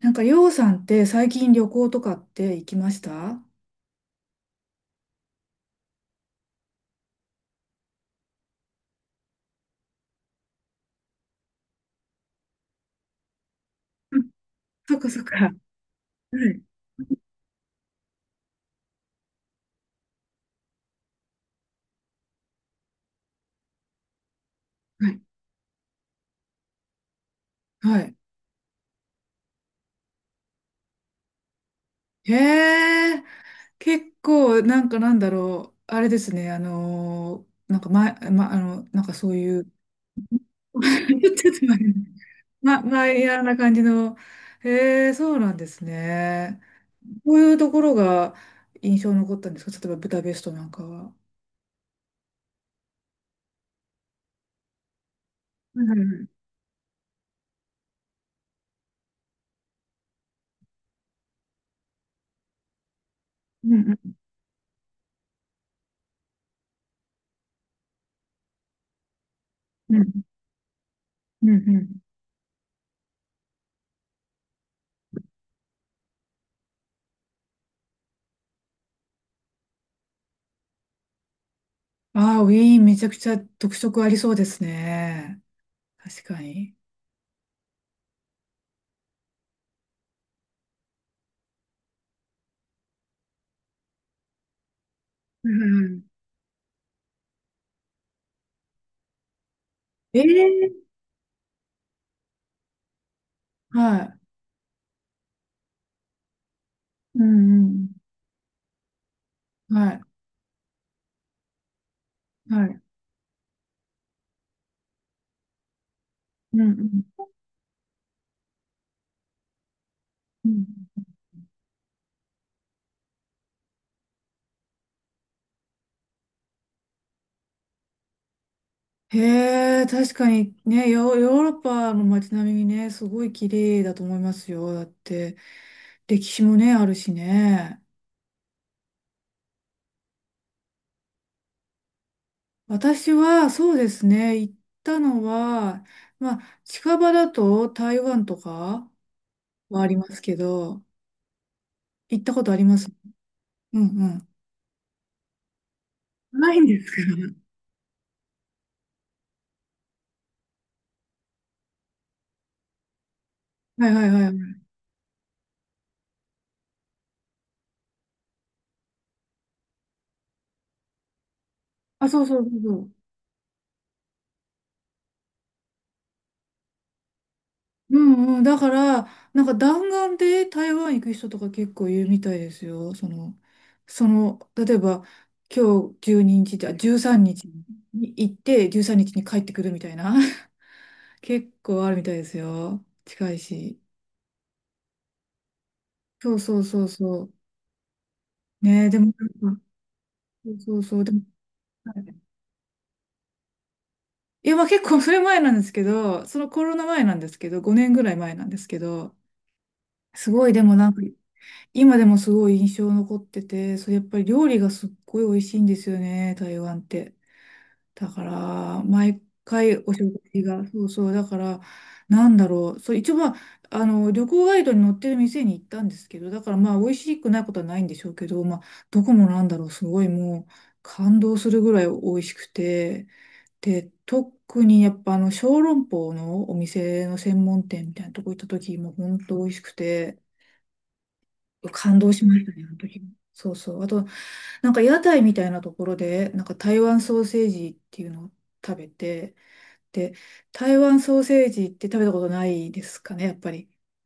なんか、りょうさんって最近旅行とかって行きました？うん。そっかそっか。はい。はい。はい。へえ、結構、なんかなんだろう。あれですね、なんか前、ま、あの、なんかそういう、ちょっと待って。マイヤーな感じの。へえ、そうなんですね。こういうところが印象に残ったんですか？例えば、ブダペストなんかは。うん。うんうんうんうんうんうん。ああ、ウィーンめちゃくちゃ特色ありそうですね。確かに。うんうん。ええ。はい。うんうん。はい。はい。うんうん。うん。へえ、確かにね、ヨーロッパの街並みね、すごい綺麗だと思いますよ。だって、歴史もね、あるしね。私は、そうですね、行ったのは、まあ、近場だと台湾とかはありますけど、行ったことあります。うんうん。ないんですか？ はいはいはい。あ、そうそうそうそう。うんうん。だから、なんか弾丸で台湾行く人とか結構いるみたいですよ。例えば、今日12日じゃ、13日にちに行って、13日にちに帰ってくるみたいな。結構あるみたいですよ。近いし。そうそうそうそう。ねえ、でもなんか、そうそうそう。でも、はい。いや、まあ結構それ前なんですけど、そのコロナ前なんですけど、5年ぐらい前なんですけど、すごいでもなんか、今でもすごい印象残ってて、それやっぱり料理がすっごい美味しいんですよね、台湾って。だから、毎回お食事が、そうそう、だから、なんだろう、そう、一応まあ、あの、旅行ガイドに載ってる店に行ったんですけど、だからまあ、美味しくないことはないんでしょうけど、まあ、どこもなんだろう、すごいもう、感動するぐらい美味しくて、で、特にやっぱあの、小籠包のお店の専門店みたいなとこ行った時も、本当美味しくて、感動しましたね、あの時。そうそう。あと、なんか屋台みたいなところで、なんか台湾ソーセージっていうのを食べて、で、台湾ソーセージって食べたことないですかね、やっぱり。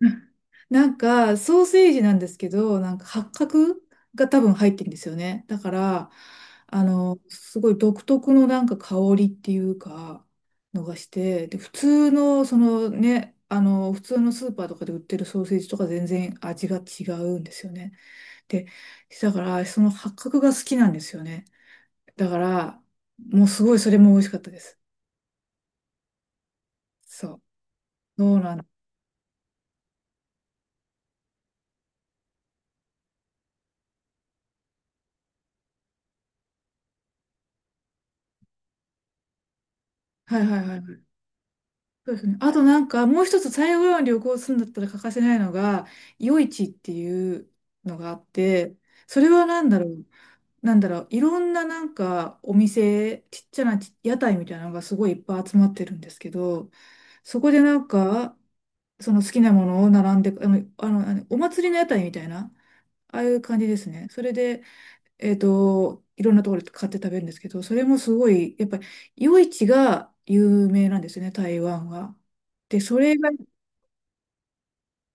うん。なんか、ソーセージなんですけど、なんか八角が多分入ってるんですよね。だから、あの、すごい独特のなんか香りっていうか、のがして、で、普通の、そのね、あの、普通のスーパーとかで売ってるソーセージとか全然味が違うんですよね。で、だから、その八角が好きなんですよね。だから、もうすごいそれも美味しかったです。そう。そうなん。はいはいはいはい。そうですね。あとなんか、もう一つ台湾旅行するんだったら欠かせないのが、夜市っていうのがあって、それはなんだろう。なんだろう。いろんななんかお店、ちっちゃな屋台みたいなのがすごいいっぱい集まってるんですけど、そこでなんか、その好きなものを並んで、お祭りの屋台みたいな、ああいう感じですね。それで、えっと、いろんなところで買って食べるんですけど、それもすごい、やっぱり、夜市が有名なんですよね、台湾は。で、それが、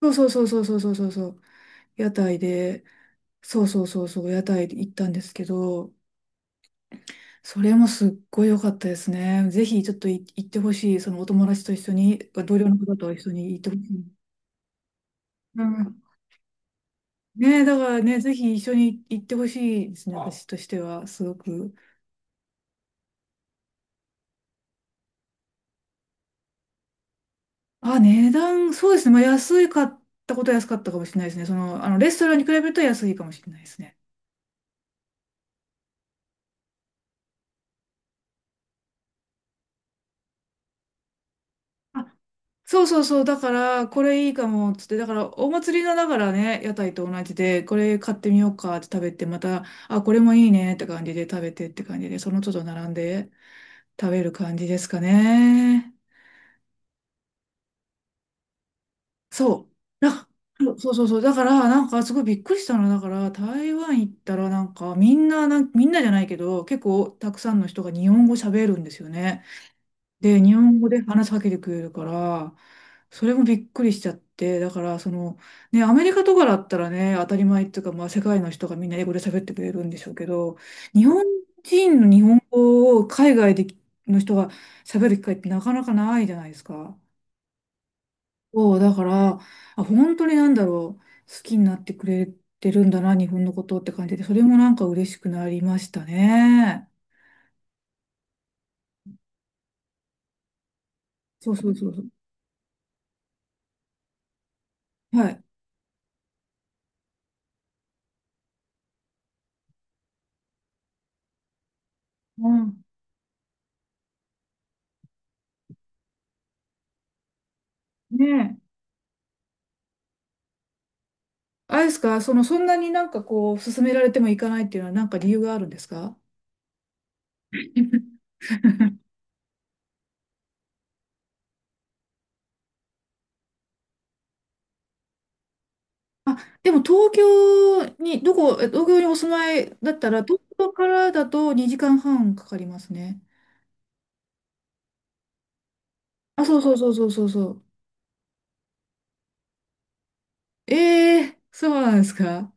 そうそうそうそうそうそうそうそう、屋台で、そうそうそうそう、屋台で行ったんですけど、それもすっごい良かったですね。ぜひ、ちょっと行ってほしい、そのお友達と一緒に、同僚の方と一緒に行ってほしい。うん。ねえ、だからね、ぜひ一緒に行ってほしいですね、私としては、すごく。あ、値段、そうですね。まあ、安いかったことは安かったかもしれないですね。その、あの、レストランに比べると安いかもしれないですね。あ、そうそうそう。だから、これいいかも、つって。だから、お祭りのだからね、屋台と同じで、これ買ってみようかって食べて、また、あ、これもいいねって感じで食べてって感じで、その都度並んで食べる感じですかね。そう。なんかそうそうそうそう。だから、なんかすごいびっくりしたの。だから、台湾行ったら、なんかみんな、みんなじゃないけど、結構たくさんの人が日本語喋るんですよね。で、日本語で話しかけてくれるから、それもびっくりしちゃって、だから、その、ね、アメリカとかだったらね、当たり前っていうか、まあ、世界の人がみんな英語で喋ってくれるんでしょうけど、日本人の日本語を海外での人が喋る機会ってなかなかないじゃないですか。そう、だから、あ、本当になんだろう、好きになってくれてるんだな、日本のことって感じで、それもなんか嬉しくなりましたね。そうそうそうそう。はい。うん。ねえ。あれですか、その、そんなになんかこう、勧められても行かないっていうのは、なんか理由があるんですか？ あ、でも東京に、どこ、え東京にお住まいだったら、東京からだと2時間半かかりますね。あ、そうそうそうそうそうそう。ええ、そうなんですか。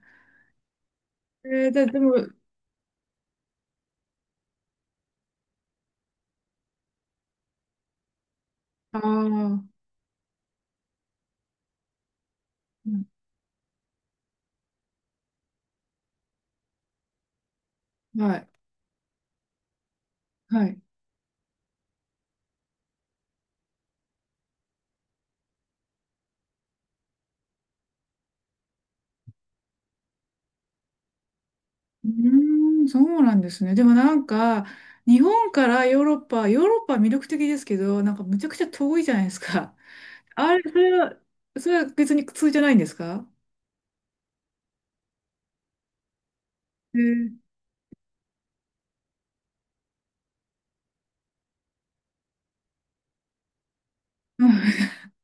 でも、ああ、うん、はい、はい。うーん、そうなんですね。でもなんか、日本からヨーロッパは魅力的ですけど、なんかむちゃくちゃ遠いじゃないですか。あれ、それは別に苦痛じゃないんですか？えー、うん。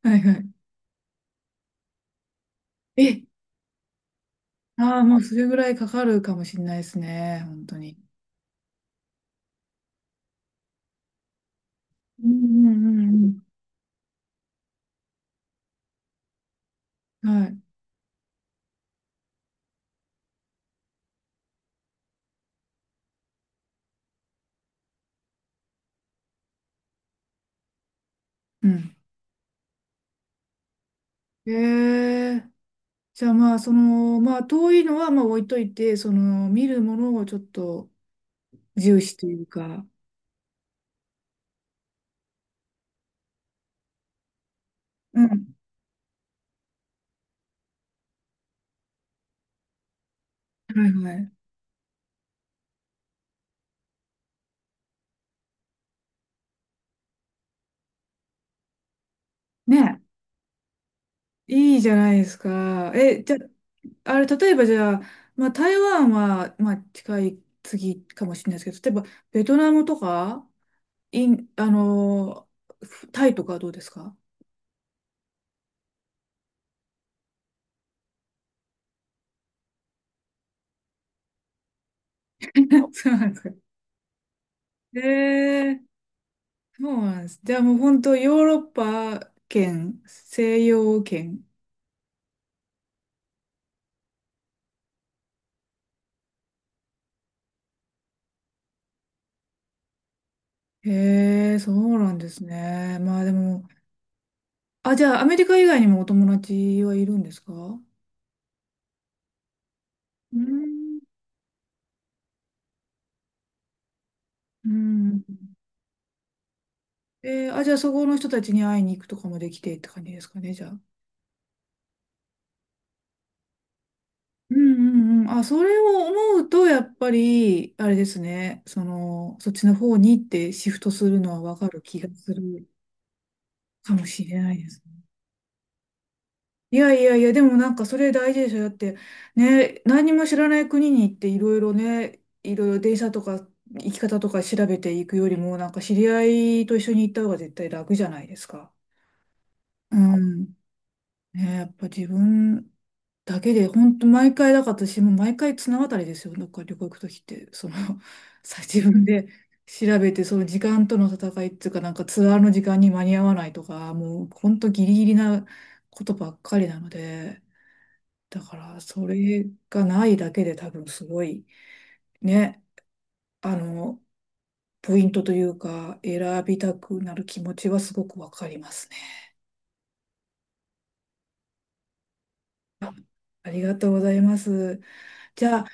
はいはい。え、ああ、もうそれぐらいかかるかもしれないですね、本当に。うんうんうんうん。はい。うん。えー、じゃあまあ、その、まあ、遠いのはまあ置いといて、その、見るものをちょっと、重視というか。うん。はいはい。ね、いいじゃないですか。え、じゃあ、あれ、例えばじゃあ、まあ、台湾は、まあ、近い次かもしれないですけど、例えば、ベトナムとか、イン、あのータイとかはどうですか？ そうなんですか。ええ。そうなんです。じゃあもう本当、ヨーロッパ圏、西洋圏。へえ、そうなんですね。まあでも、あ、じゃあ、アメリカ以外にもお友達はいるんですか？うーん。うん。あ、じゃあそこの人たちに会いに行くとかもできてって感じですかね、じゃあ。うんうんうん。あ、それを思うと、やっぱり、あれですね、その、そっちの方にってシフトするのはわかる気がするかもしれないです。いやいやいや、でもなんかそれ大事でしょ。だって、ね、何も知らない国に行っていろいろね、いろいろ電車とか行き方とか調べていくよりも、なんか知り合いと一緒に行った方が絶対楽じゃないですか。うん。ね、やっぱ自分だけで、本当毎回だから私も毎回綱渡りですよ。なんか旅行行くときって、その、自分で調べて、その時間との戦いっていうか、なんかツアーの時間に間に合わないとか、もう本当ギリギリなことばっかりなので、だからそれがないだけで多分すごい、ね、あの、ポイントというか、選びたくなる気持ちはすごくわかりますね。あ、ありがとうございます。じゃあ、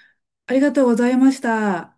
ありがとうございました。